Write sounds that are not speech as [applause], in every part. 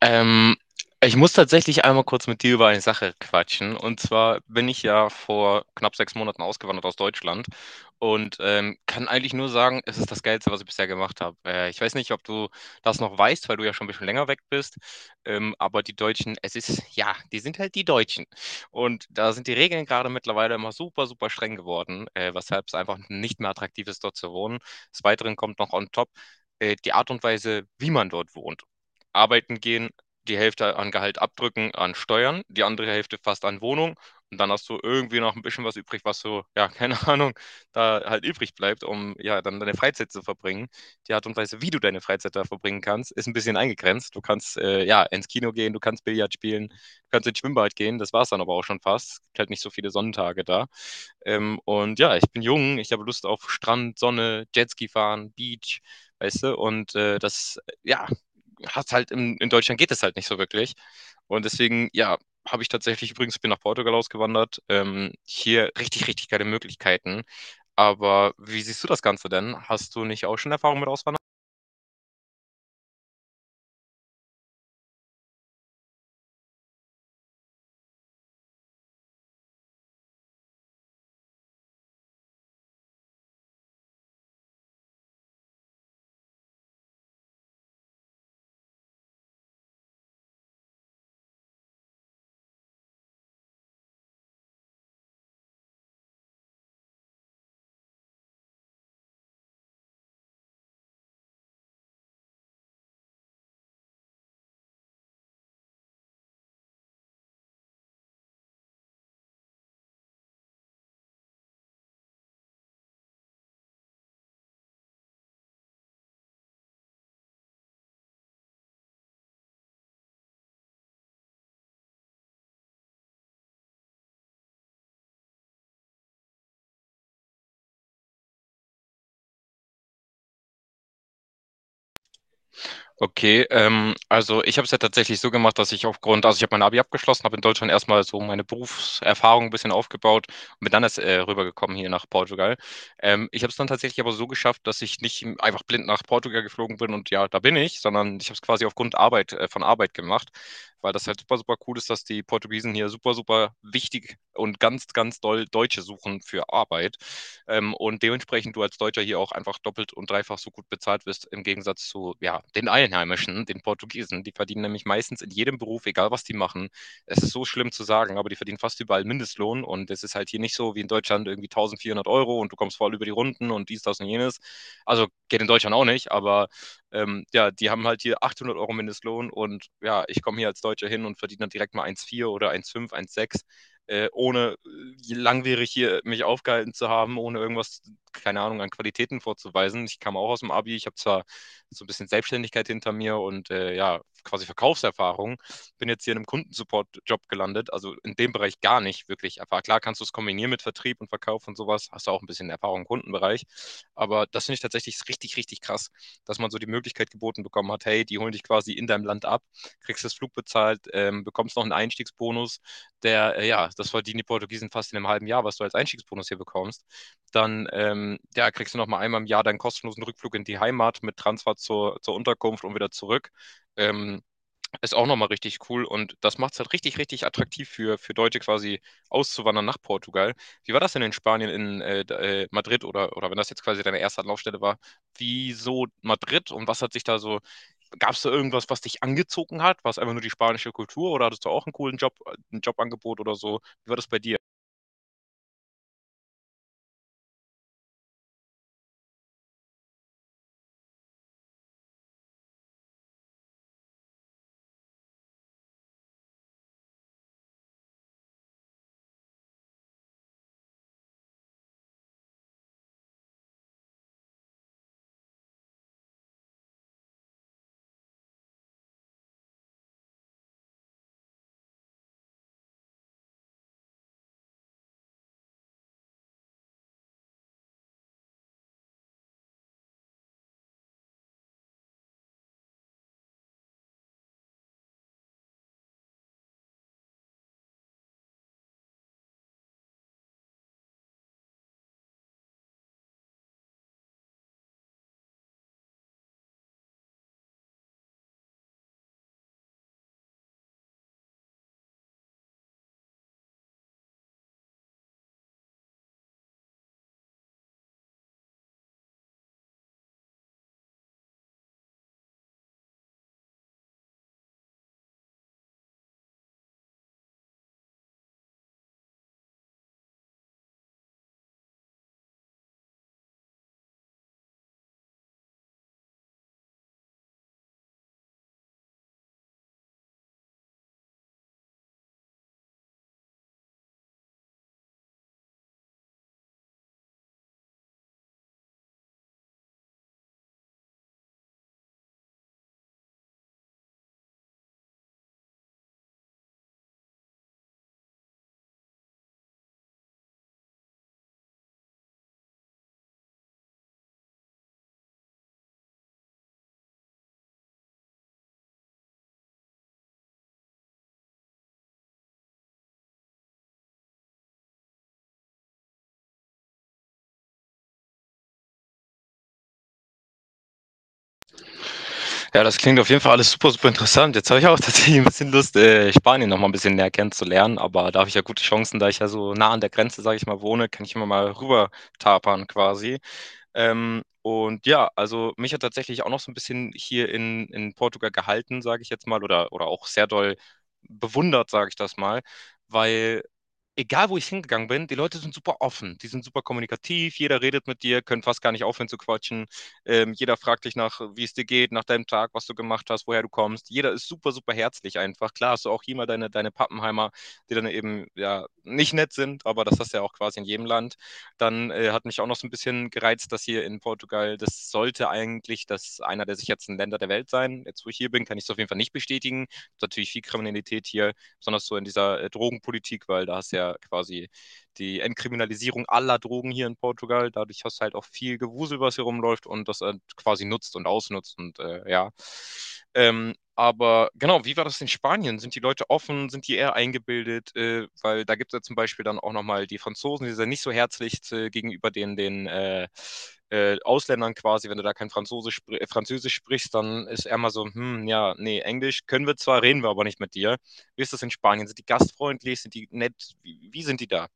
Ähm, ich muss tatsächlich einmal kurz mit dir über eine Sache quatschen. Und zwar bin ich ja vor knapp 6 Monaten ausgewandert aus Deutschland und kann eigentlich nur sagen, es ist das Geilste, was ich bisher gemacht habe. Ich weiß nicht, ob du das noch weißt, weil du ja schon ein bisschen länger weg bist. Aber die Deutschen, es ist, ja, die sind halt die Deutschen. Und da sind die Regeln gerade mittlerweile immer super, super streng geworden, weshalb es einfach nicht mehr attraktiv ist, dort zu wohnen. Des Weiteren kommt noch on top die Art und Weise, wie man dort wohnt. Arbeiten gehen, die Hälfte an Gehalt abdrücken an Steuern, die andere Hälfte fast an Wohnung und dann hast du irgendwie noch ein bisschen was übrig, was so, ja, [laughs] keine Ahnung, da halt übrig bleibt, um ja dann deine Freizeit zu verbringen. Die Art und Weise, wie du deine Freizeit da verbringen kannst, ist ein bisschen eingegrenzt. Du kannst ja ins Kino gehen, du kannst Billard spielen, du kannst ins Schwimmbad gehen, das war es dann aber auch schon fast. Es gibt halt nicht so viele Sonnentage da. Und ja, ich bin jung, ich habe Lust auf Strand, Sonne, Jetski fahren, Beach, weißt du, und das, ja, hast halt in Deutschland geht es halt nicht so wirklich. Und deswegen, ja, habe ich tatsächlich übrigens bin nach Portugal ausgewandert. Hier richtig, richtig geile Möglichkeiten. Aber wie siehst du das Ganze denn? Hast du nicht auch schon Erfahrung mit Auswandern? Okay, also ich habe es ja tatsächlich so gemacht, dass ich aufgrund, also ich habe mein Abi abgeschlossen, habe in Deutschland erstmal so meine Berufserfahrung ein bisschen aufgebaut und bin dann erst rübergekommen hier nach Portugal. Ich habe es dann tatsächlich aber so geschafft, dass ich nicht einfach blind nach Portugal geflogen bin und ja, da bin ich, sondern ich habe es quasi aufgrund Arbeit, von Arbeit gemacht, weil das halt super, super cool ist, dass die Portugiesen hier super, super wichtig und ganz, ganz doll Deutsche suchen für Arbeit. Und dementsprechend du als Deutscher hier auch einfach doppelt und dreifach so gut bezahlt wirst im Gegensatz zu ja, den Einheimischen, den Portugiesen. Die verdienen nämlich meistens in jedem Beruf, egal was die machen. Es ist so schlimm zu sagen, aber die verdienen fast überall Mindestlohn und es ist halt hier nicht so wie in Deutschland irgendwie 1400 Euro und du kommst voll über die Runden und dies, das und jenes. Also geht in Deutschland auch nicht, aber ja, die haben halt hier 800 Euro Mindestlohn und ja, ich komme hier als Deutscher hin und verdiene dann direkt mal 1,4 oder 1,5, 1,6 ohne langwierig hier mich aufgehalten zu haben, ohne irgendwas, keine Ahnung, an Qualitäten vorzuweisen. Ich kam auch aus dem Abi, ich habe zwar so ein bisschen Selbstständigkeit hinter mir und ja, quasi Verkaufserfahrung, bin jetzt hier in einem Kundensupport-Job gelandet, also in dem Bereich gar nicht wirklich. Einfach klar kannst du es kombinieren mit Vertrieb und Verkauf und sowas, hast du auch ein bisschen Erfahrung im Kundenbereich, aber das finde ich tatsächlich richtig, richtig krass, dass man so die Möglichkeit geboten bekommen hat, hey, die holen dich quasi in deinem Land ab, kriegst das Flug bezahlt, bekommst noch einen Einstiegsbonus, der, ja, das verdienen die Portugiesen fast in einem halben Jahr, was du als Einstiegsbonus hier bekommst, dann ja, kriegst du nochmal einmal im Jahr deinen kostenlosen Rückflug in die Heimat mit Transfer zur Unterkunft und wieder zurück. Ähm, ist auch nochmal richtig cool und das macht es halt richtig, richtig attraktiv für Deutsche quasi auszuwandern nach Portugal. Wie war das denn in Spanien, in Madrid oder wenn das jetzt quasi deine erste Anlaufstelle war? Wieso Madrid und was hat sich da so, gab es da irgendwas, was dich angezogen hat? War es einfach nur die spanische Kultur oder hattest du auch einen coolen Job, ein Jobangebot oder so? Wie war das bei dir? Ja, das klingt auf jeden Fall alles super, super interessant. Jetzt habe ich auch [laughs] tatsächlich ein bisschen Lust, Spanien noch mal ein bisschen näher kennenzulernen, aber da habe ich ja gute Chancen, da ich ja so nah an der Grenze, sage ich mal, wohne, kann ich immer mal rüber tapern quasi. Und ja, also, mich hat tatsächlich auch noch so ein bisschen hier in Portugal gehalten, sage ich jetzt mal, oder auch sehr doll bewundert, sage ich das mal, weil egal wo ich hingegangen bin, die Leute sind super offen, die sind super kommunikativ, jeder redet mit dir, können fast gar nicht aufhören zu quatschen. Jeder fragt dich nach, wie es dir geht, nach deinem Tag, was du gemacht hast, woher du kommst. Jeder ist super, super herzlich einfach. Klar hast du auch hier mal deine Pappenheimer, die dann eben ja nicht nett sind, aber das hast du ja auch quasi in jedem Land. Dann hat mich auch noch so ein bisschen gereizt, dass hier in Portugal, das sollte eigentlich das einer der sichersten Länder der Welt sein. Jetzt, wo ich hier bin, kann ich es auf jeden Fall nicht bestätigen. Es gibt natürlich viel Kriminalität hier besonders so in dieser Drogenpolitik, weil da hast du ja quasi die Entkriminalisierung aller Drogen hier in Portugal. Dadurch hast du halt auch viel Gewusel, was hier rumläuft und das quasi nutzt und ausnutzt und ja. Aber genau, wie war das in Spanien? Sind die Leute offen? Sind die eher eingebildet? Weil da gibt es ja zum Beispiel dann auch nochmal die Franzosen, die sind ja nicht so herzlich gegenüber den Ausländern quasi. Wenn du da kein Franzose spr Französisch sprichst, dann ist er mal so, hm, ja, nee, Englisch können wir zwar, reden wir aber nicht mit dir. Wie ist das in Spanien? Sind die gastfreundlich? Sind die nett? Wie sind die da?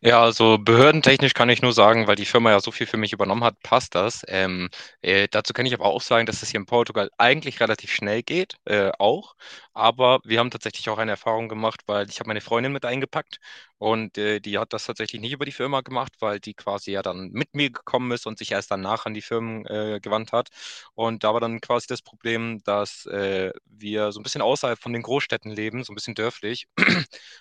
Ja, also behördentechnisch kann ich nur sagen, weil die Firma ja so viel für mich übernommen hat, passt das. Dazu kann ich aber auch sagen, dass es hier in Portugal eigentlich relativ schnell geht, auch. Aber wir haben tatsächlich auch eine Erfahrung gemacht, weil ich habe meine Freundin mit eingepackt und die hat das tatsächlich nicht über die Firma gemacht, weil die quasi ja dann mit mir gekommen ist und sich erst danach an die Firmen gewandt hat. Und da war dann quasi das Problem, dass wir so ein bisschen außerhalb von den Großstädten leben, so ein bisschen dörflich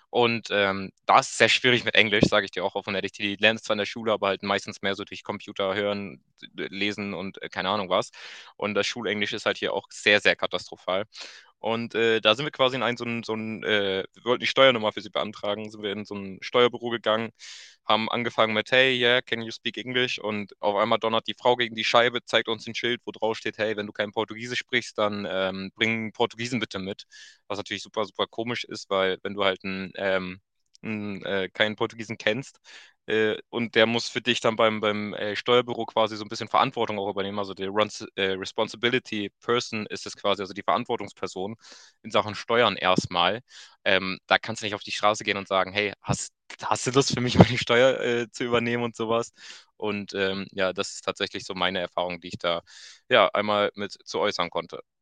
und da ist es sehr schwierig mit Englisch, sage ich dir auch offen ehrlich. Die lernen es zwar in der Schule, aber halt meistens mehr so durch Computer hören, lesen und keine Ahnung was. Und das Schulenglisch ist halt hier auch sehr, sehr katastrophal. Und da sind wir quasi in einen, so ein wir wollten die Steuernummer für sie beantragen, sind wir in so ein Steuerbüro gegangen, haben angefangen mit, hey, yeah, can you speak English? Und auf einmal donnert die Frau gegen die Scheibe, zeigt uns ein Schild, wo drauf steht, hey, wenn du kein Portugiesisch sprichst, dann bring Portugiesen bitte mit. Was natürlich super, super komisch ist, weil wenn du halt keinen Portugiesen kennst, und der muss für dich dann beim Steuerbüro quasi so ein bisschen Verantwortung auch übernehmen. Also der Responsibility Person ist es quasi, also die Verantwortungsperson in Sachen Steuern erstmal. Da kannst du nicht auf die Straße gehen und sagen, hey, hast du Lust für mich, [laughs] meine Steuer zu übernehmen und sowas? Und ja, das ist tatsächlich so meine Erfahrung, die ich da ja einmal mit zu äußern konnte.